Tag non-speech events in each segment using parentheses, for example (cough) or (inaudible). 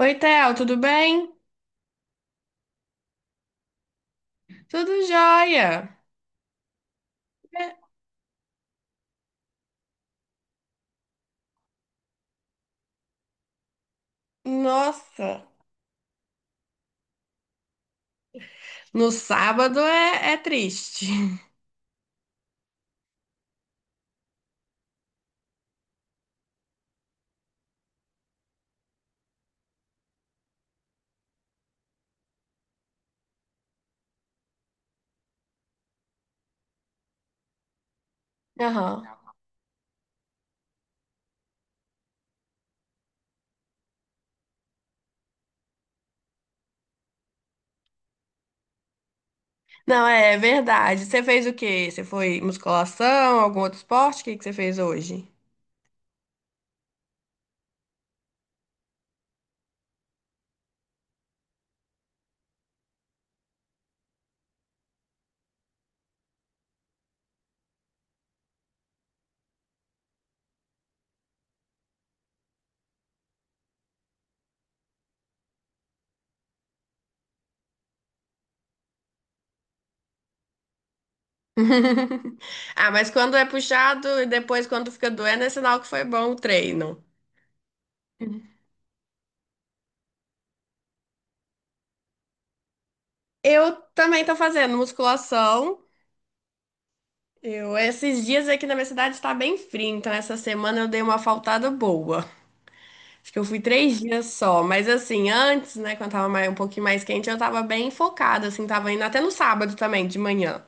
Oi, Theo, tudo bem? Tudo jóia. É, nossa, no sábado é triste. (laughs) Aham. Não, é verdade. Você fez o quê? Você foi musculação, algum outro esporte? O que que você fez hoje? (laughs) Ah, mas quando é puxado e depois quando fica doendo, é sinal que foi bom o treino. Eu também tô fazendo musculação. Esses dias aqui na minha cidade tá bem frio, então essa semana eu dei uma faltada boa. Acho que eu fui três dias só, mas assim, antes, né, quando tava mais, um pouquinho mais quente, eu tava bem focada, assim, tava indo até no sábado também, de manhã.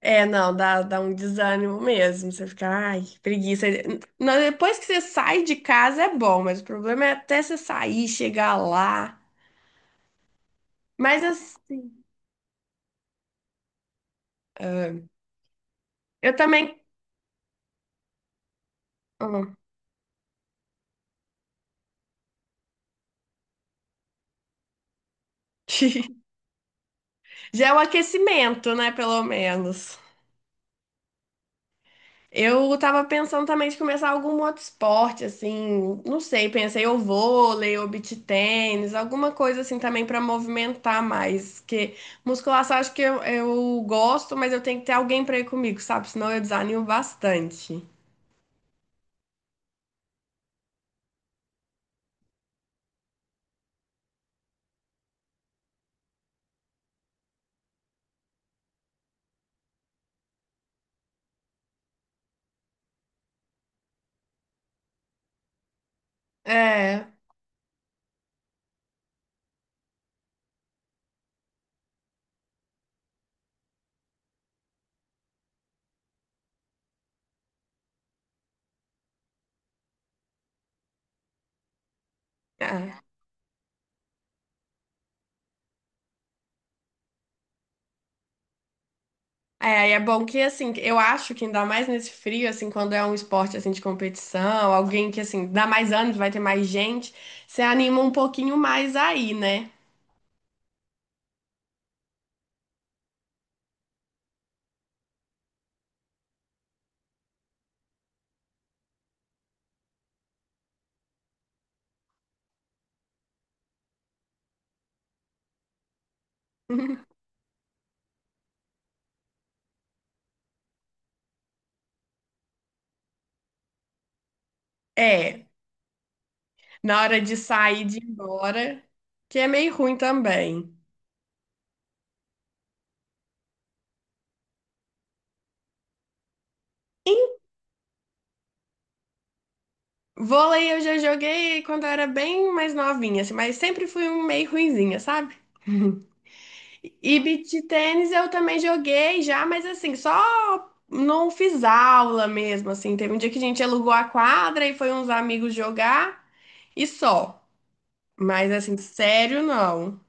É, não, dá, dá um desânimo mesmo. Você fica, ai, que preguiça. Não, depois que você sai de casa é bom, mas o problema é até você sair, chegar lá. Mas assim, ah, eu também. Ah, (laughs) já é o aquecimento, né, pelo menos. Eu tava pensando também de começar algum outro esporte, assim, não sei, pensei ou vôlei, ou beach tênis, alguma coisa assim também pra movimentar mais, que musculação acho que eu gosto, mas eu tenho que ter alguém pra ir comigo, sabe? Senão eu desanimo bastante. É, é. É, e é bom que, assim, eu acho que ainda mais nesse frio, assim, quando é um esporte, assim, de competição, alguém que, assim, dá mais anos, vai ter mais gente, você anima um pouquinho mais aí, né? (laughs) É. Na hora de sair de ir embora, que é meio ruim também. Vôlei eu já joguei quando eu era bem mais novinha, assim, mas sempre fui um meio ruinzinha, sabe? E beach tênis eu também joguei já, mas assim, só não fiz aula mesmo, assim. Teve um dia que a gente alugou a quadra e foi uns amigos jogar e só. Mas assim, sério, não.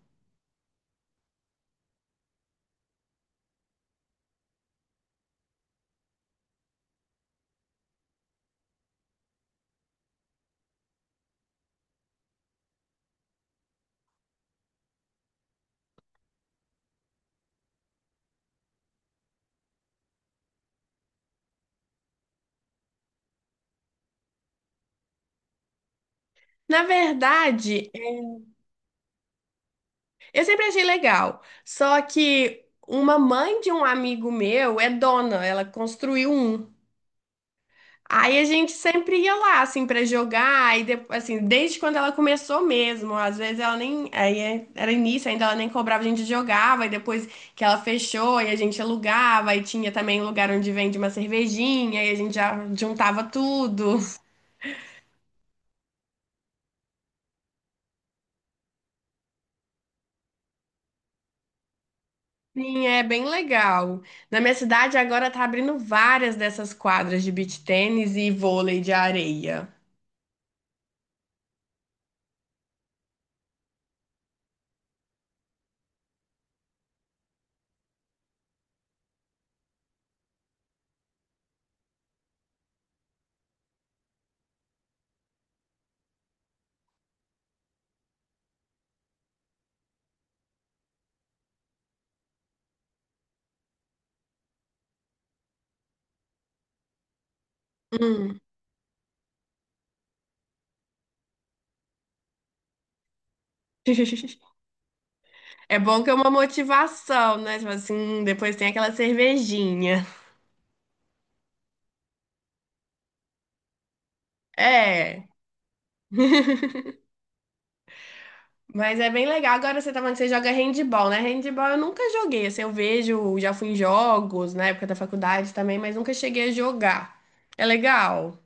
Na verdade, eu sempre achei legal. Só que uma mãe de um amigo meu é dona, ela construiu um. Aí a gente sempre ia lá, assim, pra jogar, e assim, desde quando ela começou mesmo. Às vezes ela nem. Aí era início, ainda ela nem cobrava, a gente jogava, e depois que ela fechou, e a gente alugava, e tinha também um lugar onde vende uma cervejinha, e a gente já juntava tudo. Sim, é bem legal. Na minha cidade agora tá abrindo várias dessas quadras de beach tênis e vôlei de areia. Hum. (laughs) É bom que é uma motivação, né? Tipo assim, depois tem aquela cervejinha. É, (laughs) mas é bem legal. Agora você tá falando que você joga handball, né? Handball eu nunca joguei. Assim, eu vejo, já fui em jogos na época da faculdade também, mas nunca cheguei a jogar. É legal.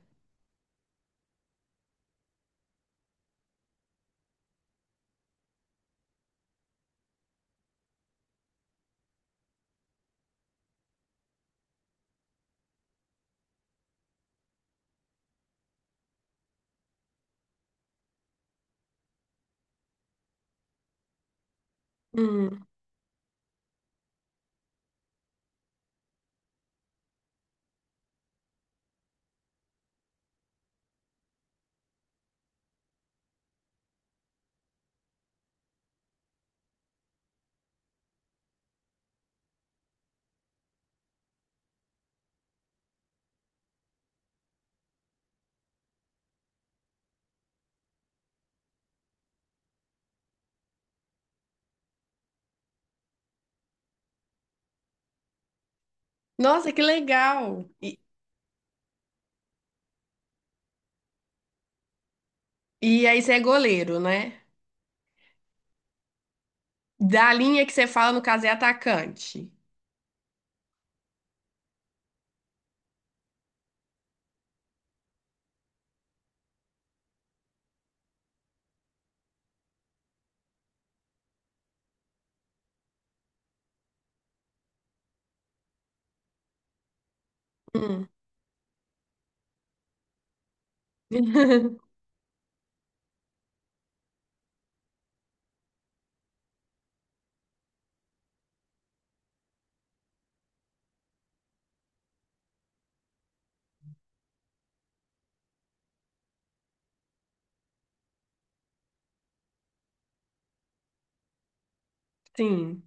Hum. Nossa, que legal. E aí você é goleiro, né? Da linha que você fala, no caso, é atacante. Hum. (laughs) Sim.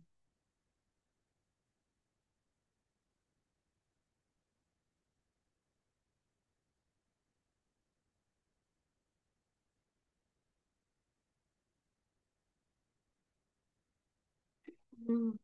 Hum.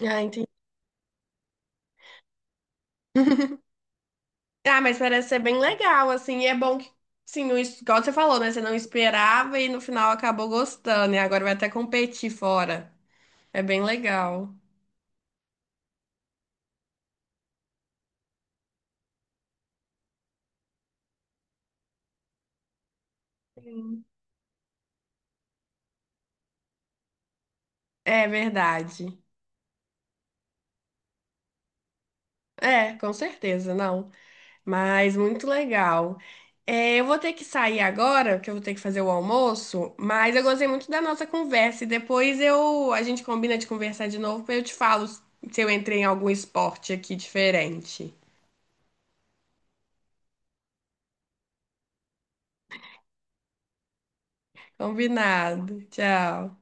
Ah, Ah, mas parece ser bem legal, assim, e é bom que, sim, não, igual você falou, né? Você não esperava e no final acabou gostando, e agora vai até competir fora. É bem legal. Sim. É verdade. É, com certeza, não. Mas muito legal. É, eu vou ter que sair agora, porque eu vou ter que fazer o almoço, mas eu gostei muito da nossa conversa, e depois eu, a gente combina de conversar de novo, pra eu te falo se eu entrei em algum esporte aqui diferente. Combinado. Tchau.